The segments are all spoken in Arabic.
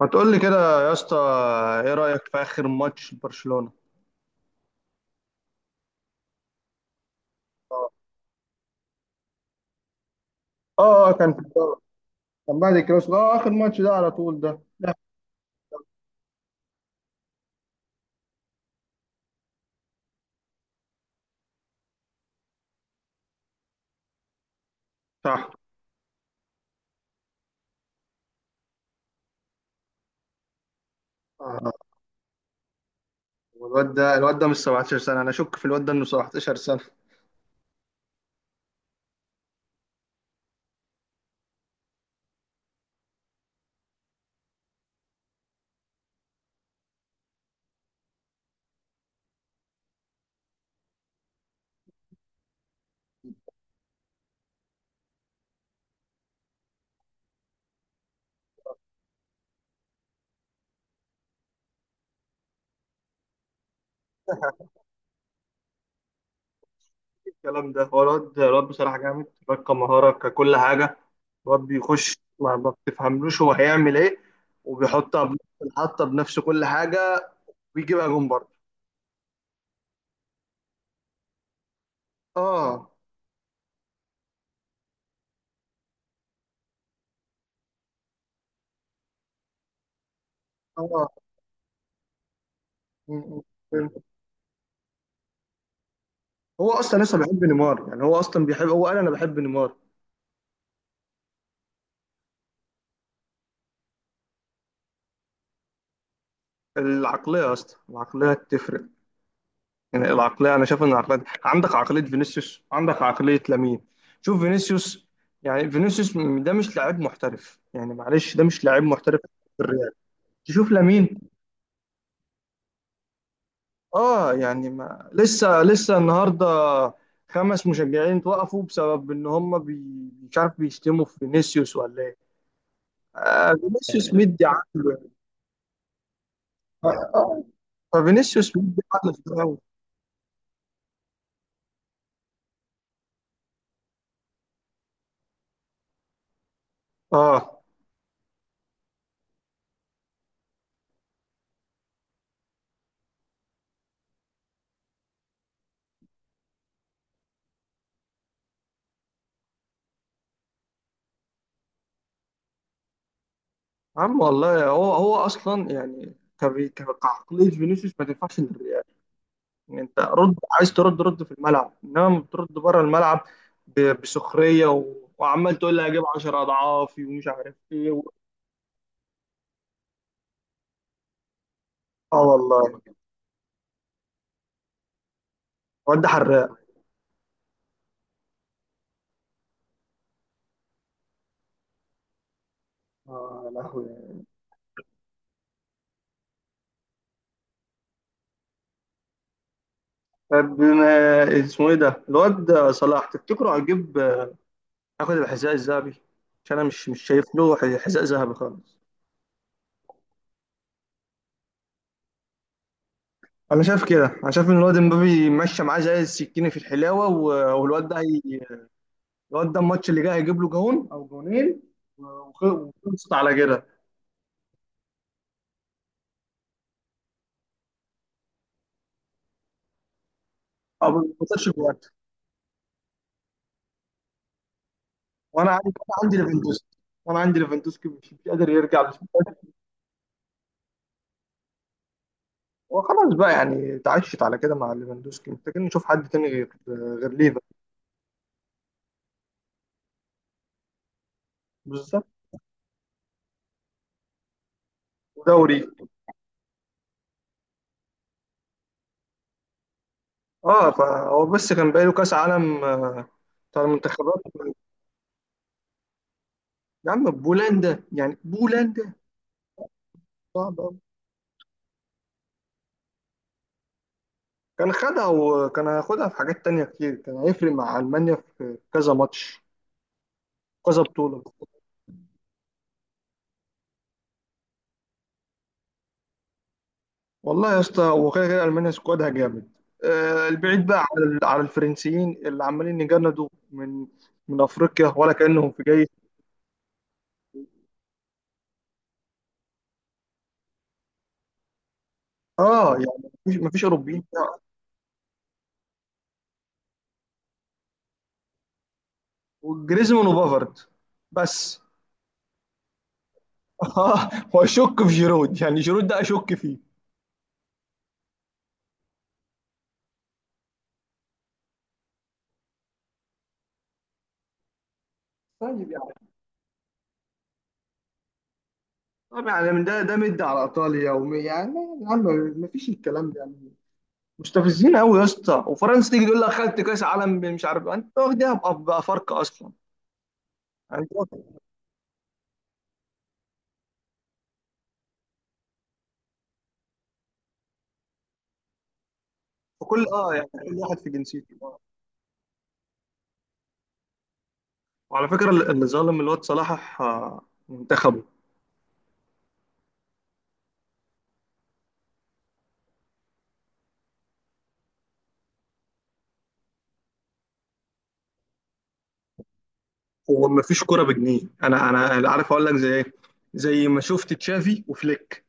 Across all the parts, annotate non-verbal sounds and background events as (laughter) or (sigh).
ما تقول لي كده يا اسطى. ايه رأيك في اخر ماتش برشلونة؟ اه. آه، كان في الدوري. كان بعد الكلاسيكو، اه اخر ماتش ده على طول ده لا. صح. آه. الواد ده مش 17 سنة، انا اشك في الواد ده انه 17 سنة. الكلام ده، هو الواد بصراحة جامد، الواد كمهارة ككل حاجة. الواد بيخش ما بتفهملوش هو هيعمل ايه، وبيحطها بنفس الحطة بنفس كل حاجة، ويجيبها جون برضه. اه اه. م- م- هو اصلا لسه بيحب نيمار. يعني هو اصلا بيحب، هو قال انا بحب نيمار. العقلية يا اسطى العقلية تفرق. يعني العقلية، أنا شايف إن العقلية، عندك عقلية فينيسيوس عندك عقلية لامين. شوف فينيسيوس، يعني فينيسيوس ده مش لاعب محترف، يعني معلش ده مش لاعب محترف في الريال. تشوف لامين. آه يعني ما لسه النهاردة خمس مشجعين توقفوا بسبب إن هم مش عارف بيشتموا في فينيسيوس ولا إيه. آه فينيسيوس مدي عقله يعني. آه. آه، ففينيسيوس مدي عقله في الأول. آه عم والله هو اصلا يعني كعقليه فينيسيوس ما تنفعش للريال. يعني انت رد، عايز ترد رد في الملعب، انما بترد بره الملعب بسخريه وعمال تقول لي هجيب 10 اضعافي ومش عارف ايه اه والله. واد حراق. اه يا لهوي. طب بما اسمه ايه ده الواد صلاح؟ تفتكره هيجيب، ياخد الحذاء الذهبي؟ عشان انا مش شايف له حذاء ذهبي خالص. انا شايف كده، انا شايف ان الواد امبابي ماشي معاه زي السكينه في الحلاوه، والواد ده هي، الواد ده الماتش اللي جاي هيجيب له جون او جونين، وخلصت على كده. او ما خسرش جوان. وانا عندي، أنا عندي ليفاندوسكي. وانا عندي ليفاندوسكي مش قادر يرجع للفريق. وخلاص بقى، يعني اتعشت على كده مع ليفاندوسكي، محتاجين نشوف حد تاني غير ليفا. بالظبط. ودوري. اه فهو بس كان باقي له كاس عالم، آه، بتاع المنتخبات. يا عم بولندا، يعني بولندا صعب أوي. كان خدها وكان هياخدها في حاجات تانية كتير، كان هيفرق مع ألمانيا في كذا ماتش، كذا بطولة. والله يا اسطى هو كده كده المانيا سكوادها جامد. آه، البعيد بقى على على الفرنسيين اللي عمالين يجندوا من افريقيا، ولا كانهم في جيش. اه يعني مفيش اوروبيين فيها، وجريزمان وبافارد بس. اه واشك في جيرود، يعني جيرود ده اشك فيه. طيب يعني، طب يعني من ده ده مد على ايطاليا يعني يا عم، مفيش الكلام ده يعني. مستفزين قوي يا اسطى، وفرنسا تيجي تقول لك خدت كاس عالم، مش عارف انت واخدها بافارقه اصلا. يعني، وكل اه يعني كل واحد في جنسيته آه. وعلى فكره اللي ظالم الواد صلاح، آه، منتخبه. هو ما فيش كوره بجنيه، انا عارف اقول لك زي ايه؟ زي ما شفت تشافي وفليك.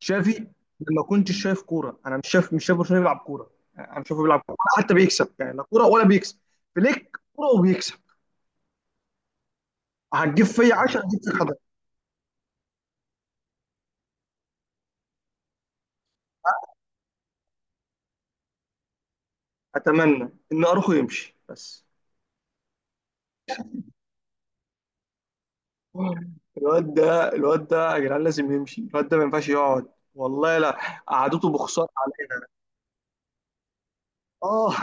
تشافي لما كنت شايف كوره، انا مش شايف، مش شايف برشلونه بيلعب كوره يعني، انا شايفه بيلعب كوره ولا حتى بيكسب، يعني لا كوره ولا بيكسب. فليك كوره وبيكسب. هتجيب فيا 10 هتجيب فيك 11. اتمنى ان اروخو يمشي بس. الواد ده يا جدعان لازم يمشي، الواد ده ما ينفعش يقعد. والله لا، قعدته بخسارة علينا. اه.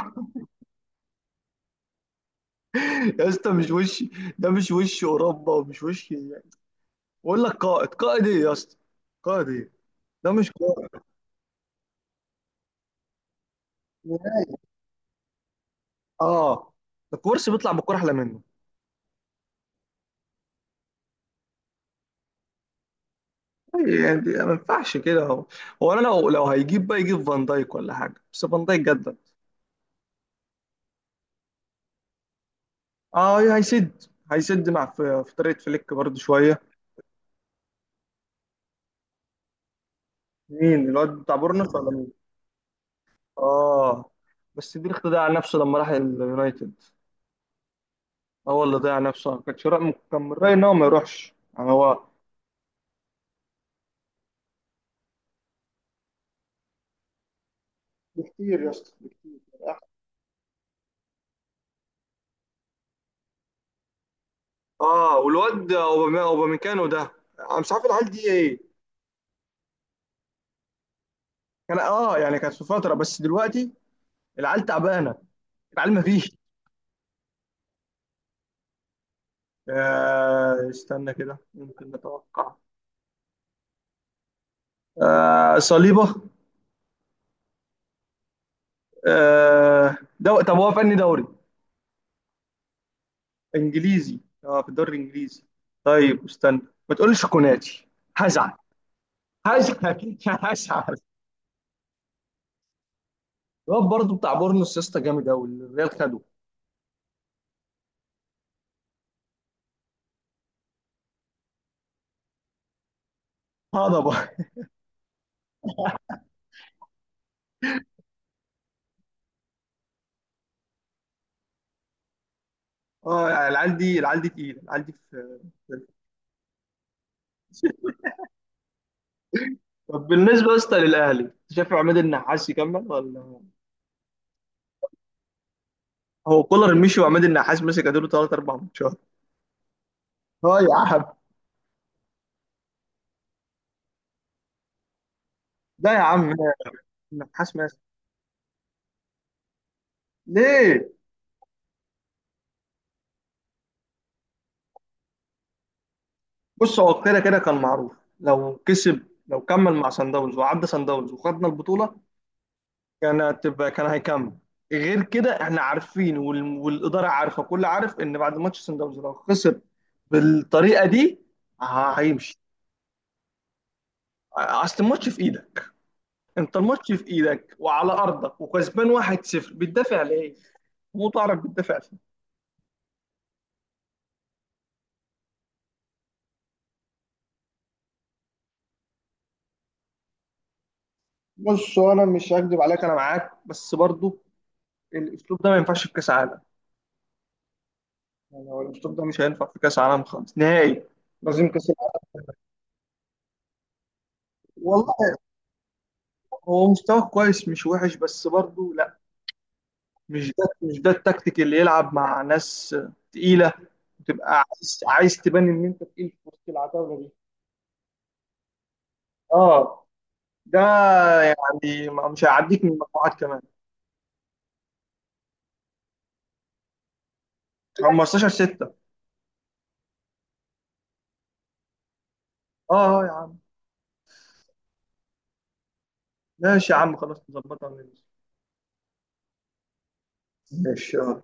(laughs) يا اسطى مش وش، ده مش وش اوروبا، ومش وش يعني. بقول لك قائد، قائد ايه يا اسطى؟ قائد ايه؟ ده مش قائد. اه. الكورس بيطلع بالكوره احلى منه. يعني ما ينفعش كده. هو انا لو هيجيب بقى يجيب فان دايك ولا حاجه، بس فان دايك جدد. اه هيسد. هيسد مع، في في طريقه فليك برضه شويه. مين؟ الواد بتاع بورنوس ولا؟ اه بس بيرخ ضيع نفسه لما راح اليونايتد. هو اللي ضيع نفسه، أنا كنت رأي، كان من رأيي ان هو ما يروحش، يعني هو. بكتير يا اسطى بكتير. أحسن. اه والواد اوباميكانو ده، انا مش عارف العيال دي ايه. كان اه يعني كانت في فتره، بس دلوقتي العيال تعبانه، العيال ما فيش. آه استنى كده، ممكن نتوقع. آه صليبه. آه طب هو فني دوري؟ انجليزي؟ اه في الدوري الانجليزي. طيب استنى، ما تقولش كوناتي هزعل. هشحت. هشحت (laughs) الواد برضه بتاع بورنوس يا اسطى جامد قوي، الريال خده. هضبه. اه يعني العيال دي، تقيله، العيال دي في في- (laughs) طب بالنسبه يا اسطى للاهلي، شايف عماد النحاس يكمل ولا؟ هو كولر مشي وعماد النحاس مسك اديله ثلاث اربع ماتشات. اه يا عم. لا يا عم، النحاس ماسك. ليه؟ بص هو كده كده كان معروف، لو كسب، لو كمل مع سان داونز وعدى سان داونز وخدنا البطوله، كان هتبقى، كان هيكمل. غير كده احنا عارفين، والاداره عارفه، كل عارف ان بعد ماتش سان داونز لو خسر بالطريقه دي هيمشي. اصل الماتش في ايدك، انت الماتش في ايدك وعلى ارضك وكسبان 1-0، بتدافع ليه؟ مو تعرف بتدافع فيه. بص هو، انا مش هكدب عليك، انا معاك، بس برضو الاسلوب ده ما ينفعش في كاس عالم. يعني هو الاسلوب ده مش هينفع في كاس عالم خالص نهائي. لازم كاس العالم. والله هو مستواه كويس مش وحش، بس برضو لا، مش ده التكتيك اللي يلعب مع ناس تقيله، وتبقى عايز تبان ان انت تقيل في وسط العتاوله دي. اه. ده يعني مش هيعديك من المجموعات كمان. 15 6. اه. آه يا عم. ماشي يا عم خلاص، نظبطها من. ماشي اه.